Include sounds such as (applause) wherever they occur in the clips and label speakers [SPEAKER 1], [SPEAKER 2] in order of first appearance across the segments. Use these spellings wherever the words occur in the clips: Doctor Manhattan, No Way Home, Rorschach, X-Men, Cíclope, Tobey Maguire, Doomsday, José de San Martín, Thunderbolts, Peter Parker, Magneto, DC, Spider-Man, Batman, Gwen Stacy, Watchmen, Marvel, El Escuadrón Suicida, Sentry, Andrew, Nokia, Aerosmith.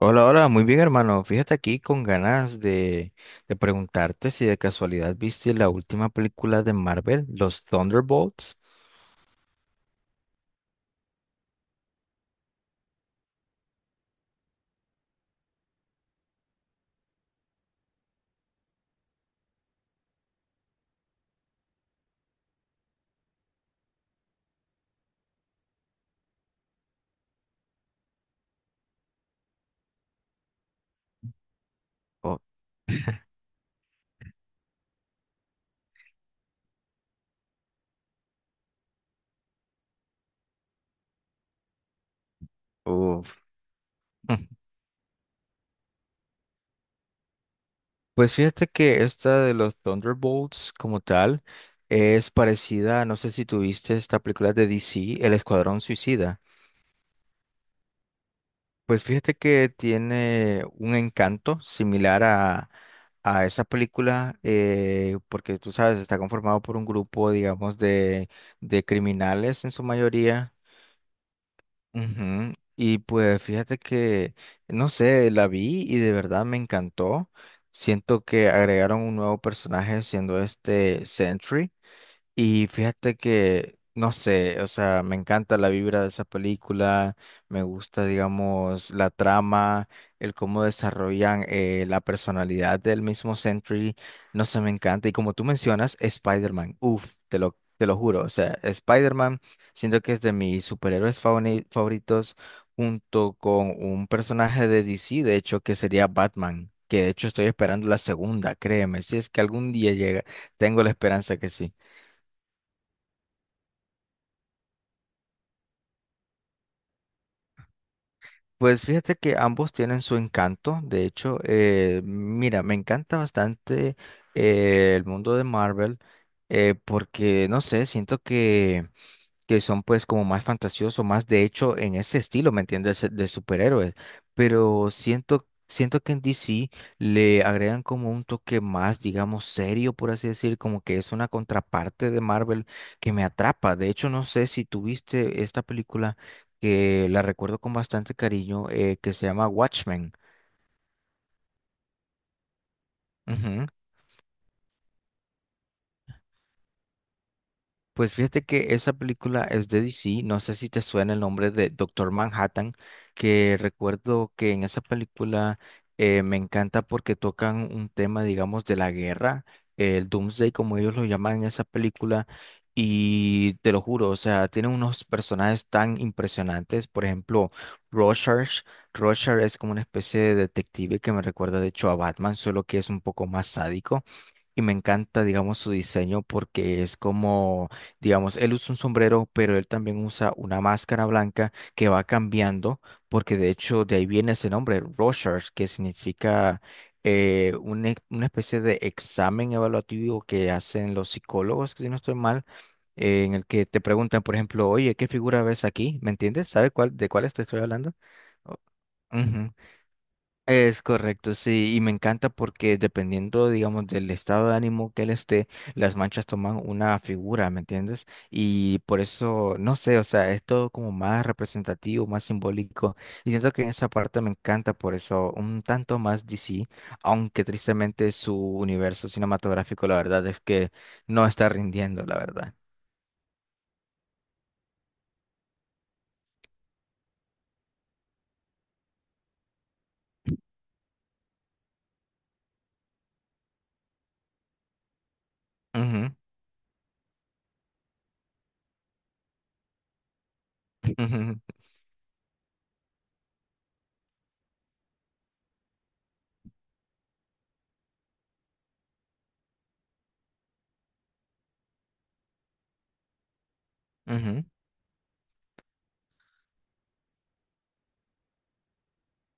[SPEAKER 1] Hola, hola, muy bien hermano. Fíjate aquí con ganas de preguntarte si de casualidad viste la última película de Marvel, los Thunderbolts. Oh, uf. (laughs) Pues fíjate que esta de los Thunderbolts como tal es parecida, no sé si tuviste esta película de DC, El Escuadrón Suicida. Pues fíjate que tiene un encanto similar a esa película, porque tú sabes, está conformado por un grupo, digamos, de criminales en su mayoría. Ujú. Y pues fíjate que, no sé, la vi y de verdad me encantó. Siento que agregaron un nuevo personaje siendo este Sentry. Y fíjate que, no sé, o sea, me encanta la vibra de esa película, me gusta, digamos, la trama, el cómo desarrollan la personalidad del mismo Sentry, no sé, me encanta. Y como tú mencionas, Spider-Man, uff, te lo juro, o sea, Spider-Man siento que es de mis superhéroes favoritos, junto con un personaje de DC, de hecho, que sería Batman, que de hecho estoy esperando la segunda, créeme, si es que algún día llega, tengo la esperanza que sí. Pues fíjate que ambos tienen su encanto. De hecho, mira, me encanta bastante, el mundo de Marvel, porque, no sé, siento que son pues como más fantasiosos, más de hecho en ese estilo, ¿me entiendes? De superhéroes. Pero siento, siento que en DC le agregan como un toque más, digamos, serio, por así decir, como que es una contraparte de Marvel que me atrapa. De hecho, no sé si tuviste esta película que la recuerdo con bastante cariño, que se llama Watchmen. Ujú. Pues fíjate que esa película es de DC, no sé si te suena el nombre de Doctor Manhattan, que recuerdo que en esa película, me encanta porque tocan un tema, digamos, de la guerra, el Doomsday, como ellos lo llaman en esa película, y te lo juro, o sea, tienen unos personajes tan impresionantes, por ejemplo, Rorschach. Rorschach es como una especie de detective que me recuerda de hecho a Batman, solo que es un poco más sádico. Y me encanta, digamos, su diseño porque es como, digamos, él usa un sombrero, pero él también usa una máscara blanca que va cambiando, porque de hecho de ahí viene ese nombre, Rorschach, que significa, una especie de examen evaluativo que hacen los psicólogos, si no estoy mal, en el que te preguntan, por ejemplo, oye, ¿qué figura ves aquí? ¿Me entiendes? ¿Sabe cuál, de cuál te estoy hablando? O- Ujú. Es correcto, sí, y me encanta porque dependiendo, digamos, del estado de ánimo que él esté, las manchas toman una figura, ¿me entiendes? Y por eso, no sé, o sea, es todo como más representativo, más simbólico, y siento que en esa parte me encanta por eso, un tanto más DC, aunque tristemente su universo cinematográfico, la verdad es que no está rindiendo, la verdad. Ujú, ujú, ujú.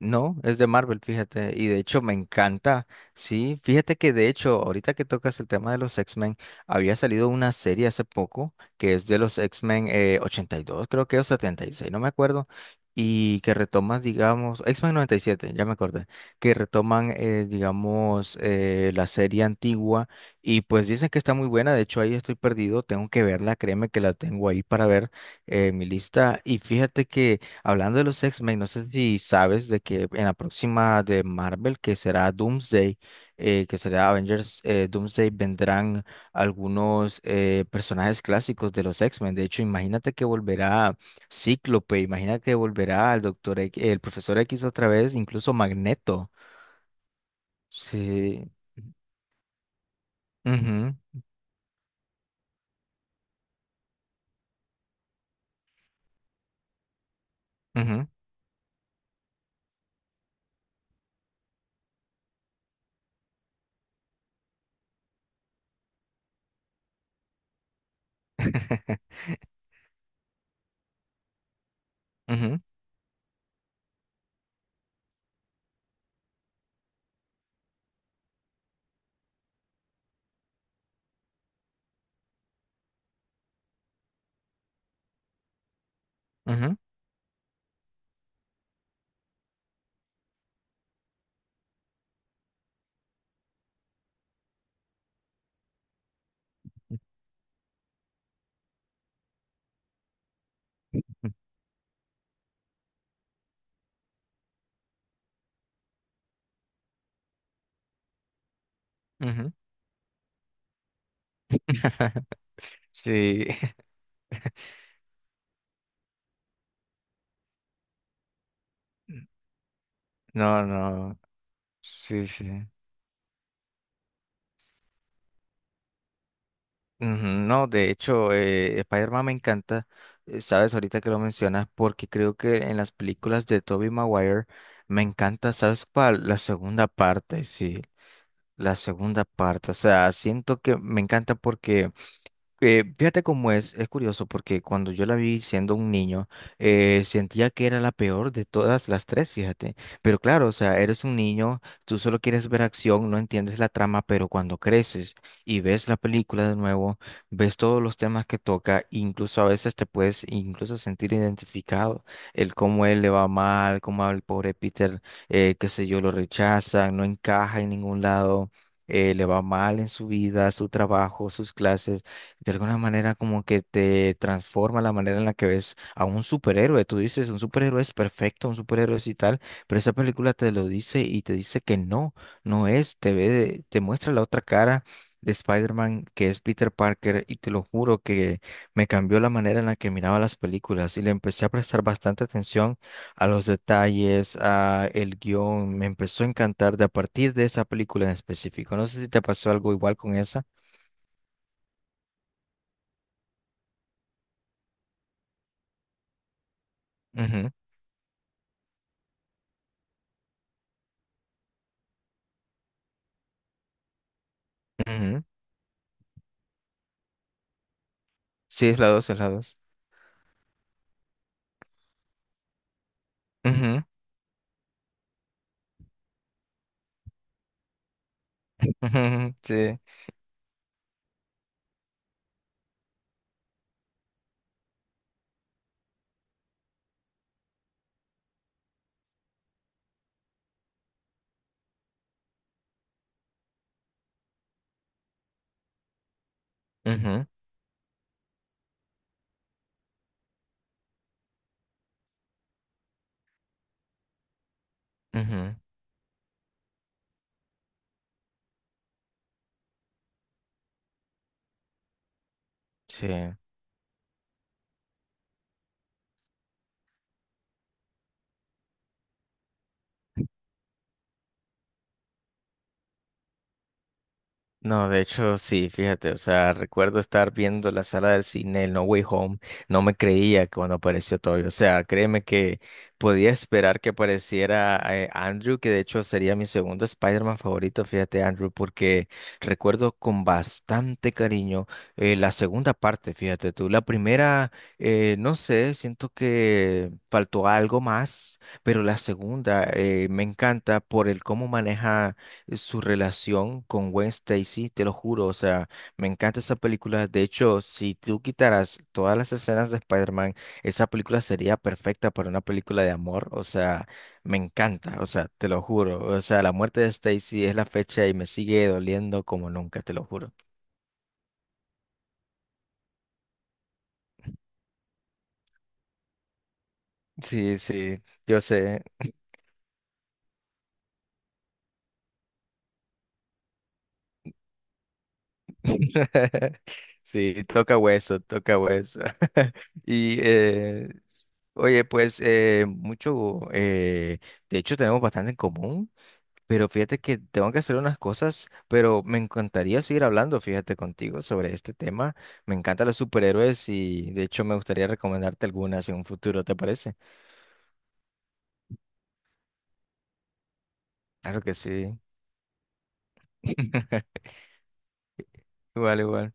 [SPEAKER 1] No, es de Marvel, fíjate, y de hecho me encanta. Sí, fíjate que de hecho, ahorita que tocas el tema de los X-Men, había salido una serie hace poco que es de los X-Men, 82, creo que o 76, no me acuerdo, y que retoma, digamos, X-Men 97, ya me acordé, que retoman, digamos, la serie antigua, y pues dicen que está muy buena, de hecho ahí estoy perdido, tengo que verla, créeme que la tengo ahí para ver, en mi lista, y fíjate que... Hablando de los X-Men, no sé si sabes de que en la próxima de Marvel, que será Doomsday, que será Avengers, Doomsday, vendrán algunos, personajes clásicos de los X-Men. De hecho, imagínate que volverá Cíclope, imagínate que volverá el profesor X otra vez, incluso Magneto. Sí. Ujú, ujú, (laughs) ujú, ujú, ujú. (laughs) Sí. (laughs) No, no. Sí, sí. Ujú. No, de hecho, Spider-Man me encanta. Sabes, ahorita que lo mencionas, porque creo que en las películas de Tobey Maguire me encanta, sabes, para la segunda parte, sí, la segunda parte, o sea, siento que me encanta porque, fíjate cómo es curioso porque cuando yo la vi siendo un niño, sentía que era la peor de todas las tres, fíjate. Pero claro, o sea, eres un niño, tú solo quieres ver acción, no entiendes la trama, pero cuando creces y ves la película de nuevo, ves todos los temas que toca, incluso a veces te puedes incluso sentir identificado, el cómo él le va mal, cómo al pobre Peter, qué sé yo, lo rechazan, no encaja en ningún lado. Le va mal en su vida, su trabajo, sus clases. De alguna manera como que te transforma la manera en la que ves a un superhéroe. Tú dices, un superhéroe es perfecto, un superhéroe es y tal, pero esa película te lo dice y te dice que no, no es, te muestra la otra cara de Spider-Man que es Peter Parker, y te lo juro que me cambió la manera en la que miraba las películas y le empecé a prestar bastante atención a los detalles, a el guión. Me empezó a encantar de a partir de esa película en específico. No sé si te pasó algo igual con esa. Ujú, ujú. Sí, es la 2, es la 2. Ujú, ujú, sí. Ujú, ujú, sí. No, de hecho, sí, fíjate, o sea, recuerdo estar viendo la sala del cine, el No Way Home, no me creía cuando apareció Toby, o sea, créeme que podía esperar que apareciera, Andrew, que de hecho sería mi segundo Spider-Man favorito, fíjate, Andrew, porque recuerdo con bastante cariño, la segunda parte, fíjate tú, la primera, no sé, siento que faltó algo más, pero la segunda, me encanta por el cómo maneja, su relación con Gwen Stacy, te lo juro, o sea, me encanta esa película. De hecho, si tú quitaras todas las escenas de Spider-Man, esa película sería perfecta para una película de amor, o sea, me encanta, o sea, te lo juro, o sea, la muerte de Stacy es la fecha y me sigue doliendo como nunca, te lo juro. Sí, sí, yo sé. (laughs) Sí, toca hueso, toca hueso. (laughs) Y, oye, pues, mucho, de hecho tenemos bastante en común, pero fíjate que tengo que hacer unas cosas, pero me encantaría seguir hablando, fíjate, contigo sobre este tema. Me encantan los superhéroes y de hecho me gustaría recomendarte algunas en un futuro, ¿te parece? Claro que sí. (laughs) Igual, igual.